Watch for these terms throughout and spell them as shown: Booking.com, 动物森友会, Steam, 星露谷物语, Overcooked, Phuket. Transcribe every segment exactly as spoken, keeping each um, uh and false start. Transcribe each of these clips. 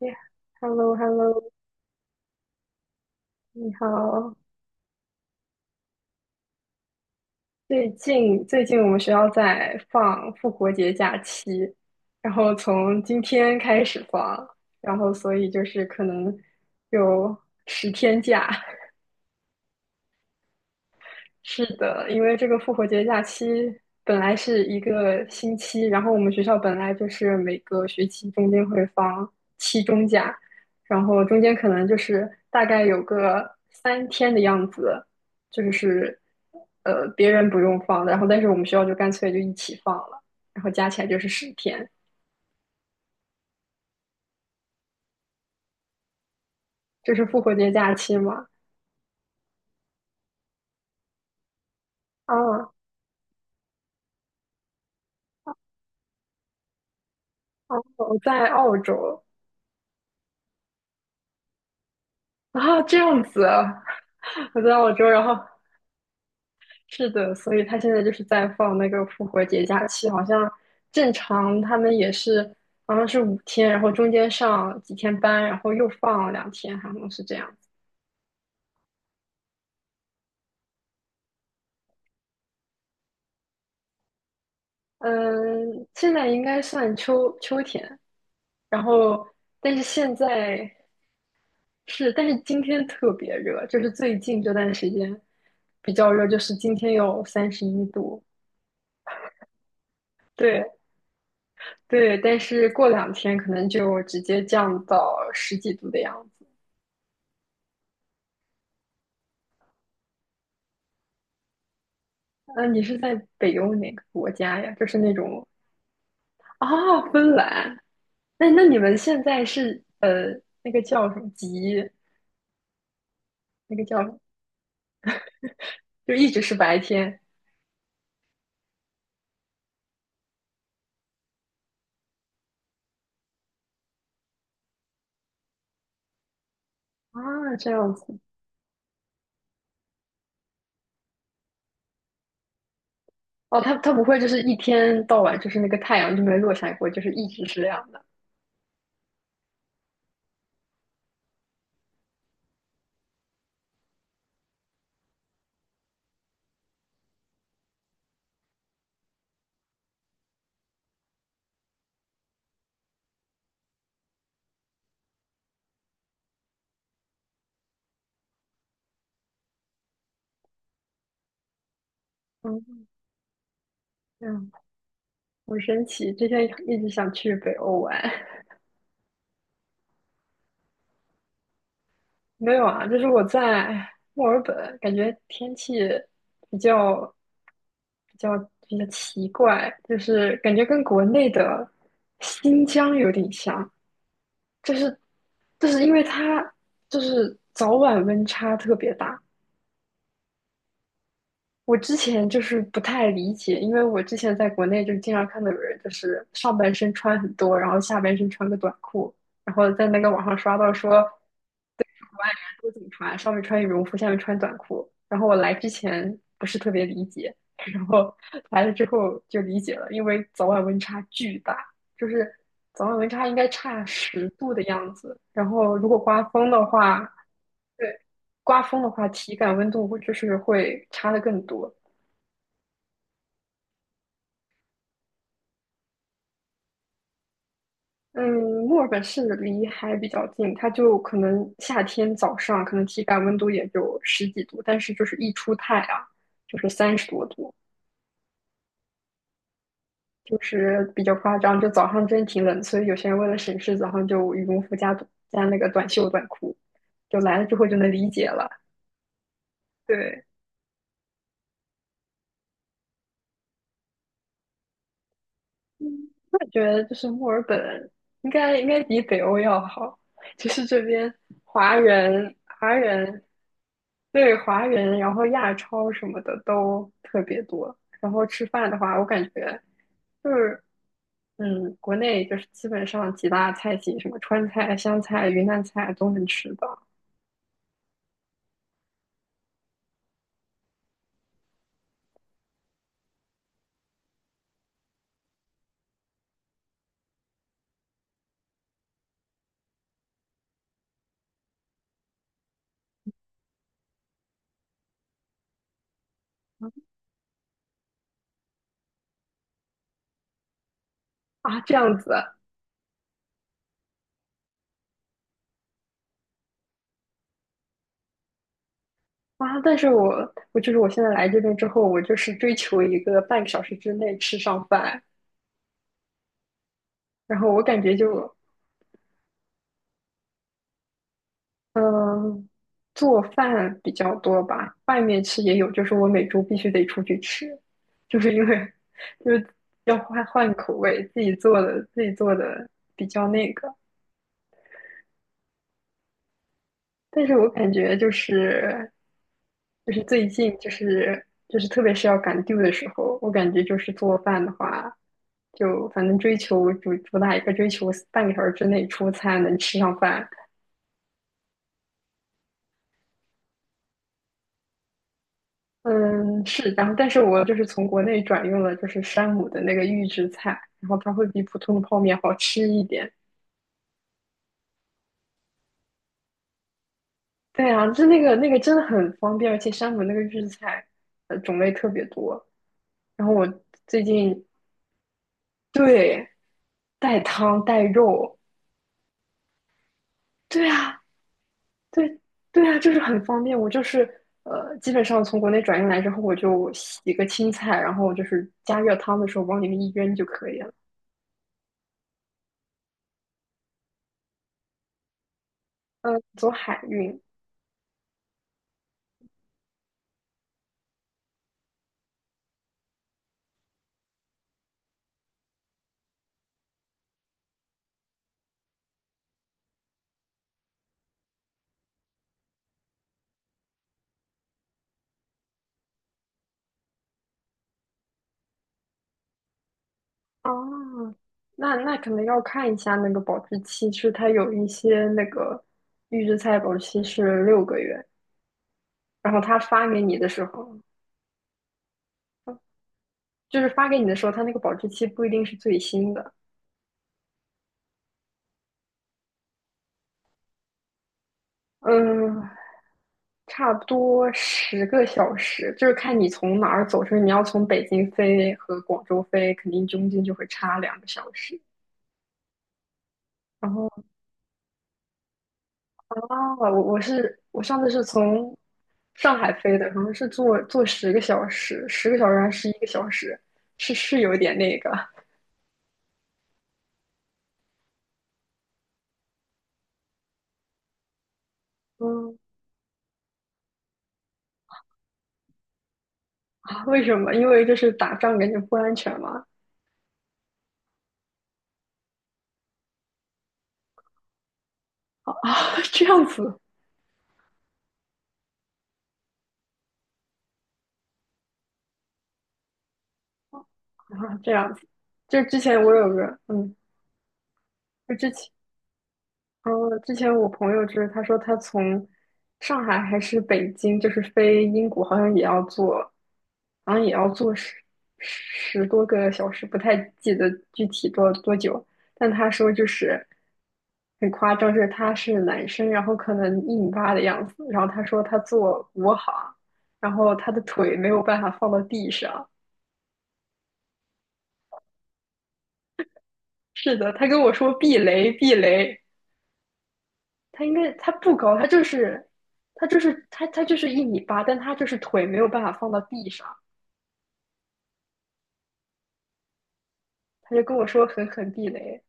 呀 h e l l o h e l l o 你好。最近最近我们学校在放复活节假期，然后从今天开始放，然后所以就是可能有十天假。是的，因为这个复活节假期本来是一个星期，然后我们学校本来就是每个学期中间会放期中假，然后中间可能就是大概有个三天的样子，就是呃别人不用放的，然后但是我们学校就干脆就一起放了，然后加起来就是十天，这是复活节假期嘛。啊，哦，我在澳洲啊，这样子啊。 我在澳洲，然后是的，所以他现在就是在放那个复活节假期，好像正常他们也是，好像是五天，然后中间上几天班，然后又放两天，好像是这样子。嗯，现在应该算秋秋天，然后但是现在是，但是今天特别热，就是最近这段时间比较热，就是今天有三十一度。对对，但是过两天可能就直接降到十几度的样子。呃，你是在北欧哪个国家呀？就是那种。啊，芬兰。那那你们现在是呃，那个叫什么极，那个叫什么，就一直是白天。啊，这样子。哦，它它不会就是一天到晚就是那个太阳就没落下过，就是一直是这样的。嗯，这样好神奇。之前一直想去北欧玩。没有啊，就是我在墨尔本，感觉天气比较比较比较奇怪，就是感觉跟国内的新疆有点像，就是就是因为它就是早晚温差特别大。我之前就是不太理解，因为我之前在国内就是经常看到有人就是上半身穿很多，然后下半身穿个短裤，然后在那个网上刷到说我有警察，上面穿羽绒服，下面穿短裤。然后我来之前不是特别理解，然后 来了之后就理解了，因为早晚温差巨大，就是早晚温差应该差十度的样子。然后如果刮风的话，对，刮风的话体感温度就是会差的更多。嗯，墨尔本是离海比较近，它就可能夏天早上可能体感温度也就十几度，但是就是一出太阳就是三十多度。就是比较夸张，就早上真挺冷，所以有些人为了省事，早上就羽绒服加短加那个短袖短裤，就来了之后就能理解了。对。嗯，我感觉就是墨尔本应该应该比北欧要好，就是这边华人华人对华人，然后亚超什么的都特别多。然后吃饭的话，我感觉就是，嗯，国内就是基本上几大菜系，什么川菜、湘菜、云南菜都能吃到。啊，这样子啊。啊，但是我我就是我现在来这边之后，我就是追求一个半个小时之内吃上饭，然后我感觉就。嗯，做饭比较多吧，外面吃也有，就是我每周必须得出去吃，就是因为 就是要换换口味，自己做的自己做的比较那个。但是我感觉就是就是最近就是就是特别是要赶 due 的时候，我感觉就是做饭的话，就反正追求主主打一个追求半个小时之内出餐能吃上饭。嗯，是，然后但是我就是从国内转用了就是山姆的那个预制菜，然后它会比普通的泡面好吃一点。对啊，就那个那个真的很方便，而且山姆那个预制菜，呃，种类特别多。然后我最近对带汤带肉。对啊，对对啊，就是很方便。我就是呃，基本上从国内转运来之后，我就洗个青菜，然后就是加热汤的时候往里面一扔就可以了。嗯，走海运啊。那那可能要看一下那个保质期，是它有一些那个预制菜保质期是六个月，然后他发给你的时候，就是发给你的时候，它那个保质期不一定是最新的。嗯，差不多十个小时，就是看你从哪儿走。出是你要从北京飞和广州飞，肯定中间就会差两个小时。然后啊，我我是我上次是从上海飞的，好像是坐坐十个小时，十个小时还是一个小时，是是有点那个。嗯。啊为什么？因为就是打仗感觉不安全嘛。啊，这样子啊，这样子。就之前我有个嗯，就之前。哦，之前我朋友就是他说他从上海还是北京，就是飞英国，好像也要坐，好像也要坐十十多个小时，不太记得具体多多久。但他说就是很夸张，就是他是男生，然后可能一米八的样子，然后他说他坐国航，然后他的腿没有办法放到地上。是的，他跟我说避雷避雷。他应该他不高，他就是他就是他他就是一米八，但他就是腿没有办法放到地上，他就跟我说狠狠地雷，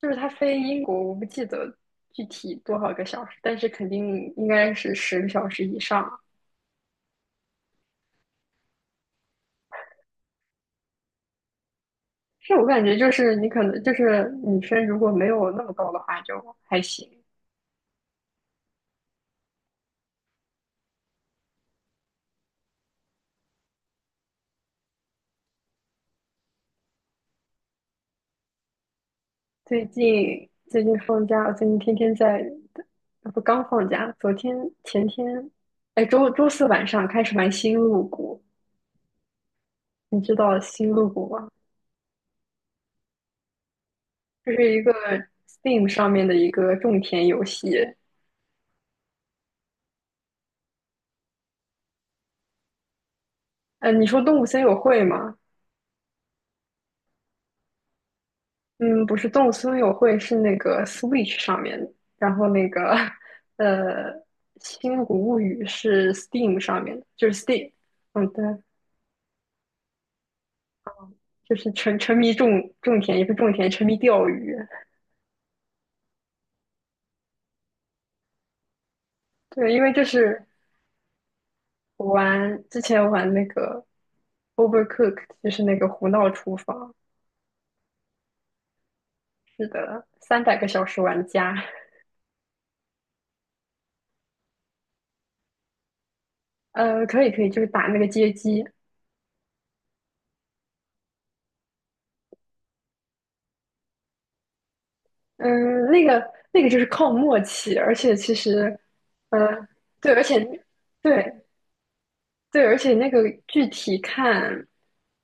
就是他飞英国，我不记得具体多少个小时，但是肯定应该是十个小时以上。是我感觉就是你可能就是女生如果没有那么高的话就还行。最近最近放假，我最近天天在，不刚放假，昨天前天，哎周周四晚上开始玩星露谷。你知道星露谷吗？这是一个 Steam 上面的一个种田游戏。呃，你说动物森友会吗？嗯，不是，动物森友会是那个 Switch 上面的，然后那个 呃，星露谷物语是 Steam 上面的，就是 Steam。嗯，对，就是沉沉迷种种田，也不是种田，沉迷钓鱼。对，因为就是我玩之前玩那个 Overcooked,就是那个胡闹厨房，三百个小时玩家。呃，可以可以，就是打那个街机。嗯，那个那个就是靠默契，而且其实，呃，对，而且对对，而且那个具体看，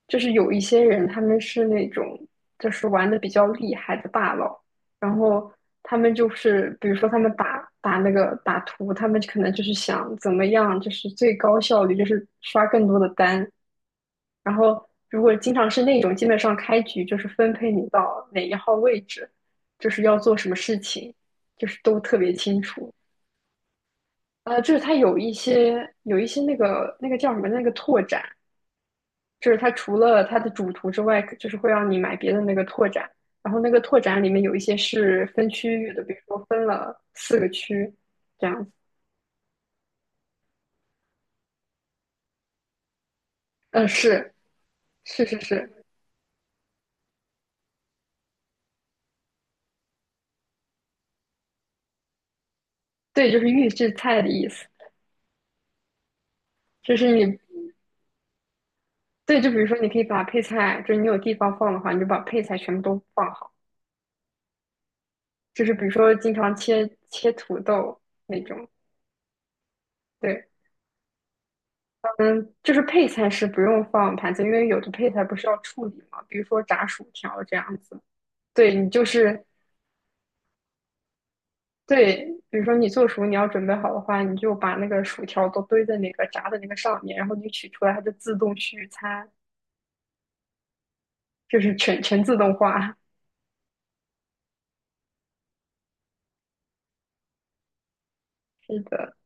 就是有一些人他们是那种就是玩的比较厉害的大佬，然后他们就是比如说他们打打那个打图，他们可能就是想怎么样，就是最高效率，就是刷更多的单，然后如果经常是那种，基本上开局就是分配你到哪一号位置，就是要做什么事情，就是都特别清楚。呃，就是它有一些有一些那个那个叫什么那个拓展，就是它除了它的主图之外，就是会让你买别的那个拓展。然后那个拓展里面有一些是分区域的，比如说分了四个区这样子。嗯，是是是是，对，就是预制菜的意思，就是你对，就比如说你可以把配菜，就是你有地方放的话，你就把配菜全部都放好。就是比如说经常切切土豆那种，对，就是配菜是不用放盘子，因为有的配菜不是要处理嘛，比如说炸薯条这样子。对，你就是对，比如说你做熟你要准备好的话，你就把那个薯条都堆在那个炸的那个上面，然后你取出来，它就自动续餐，就是全全自动化。是的。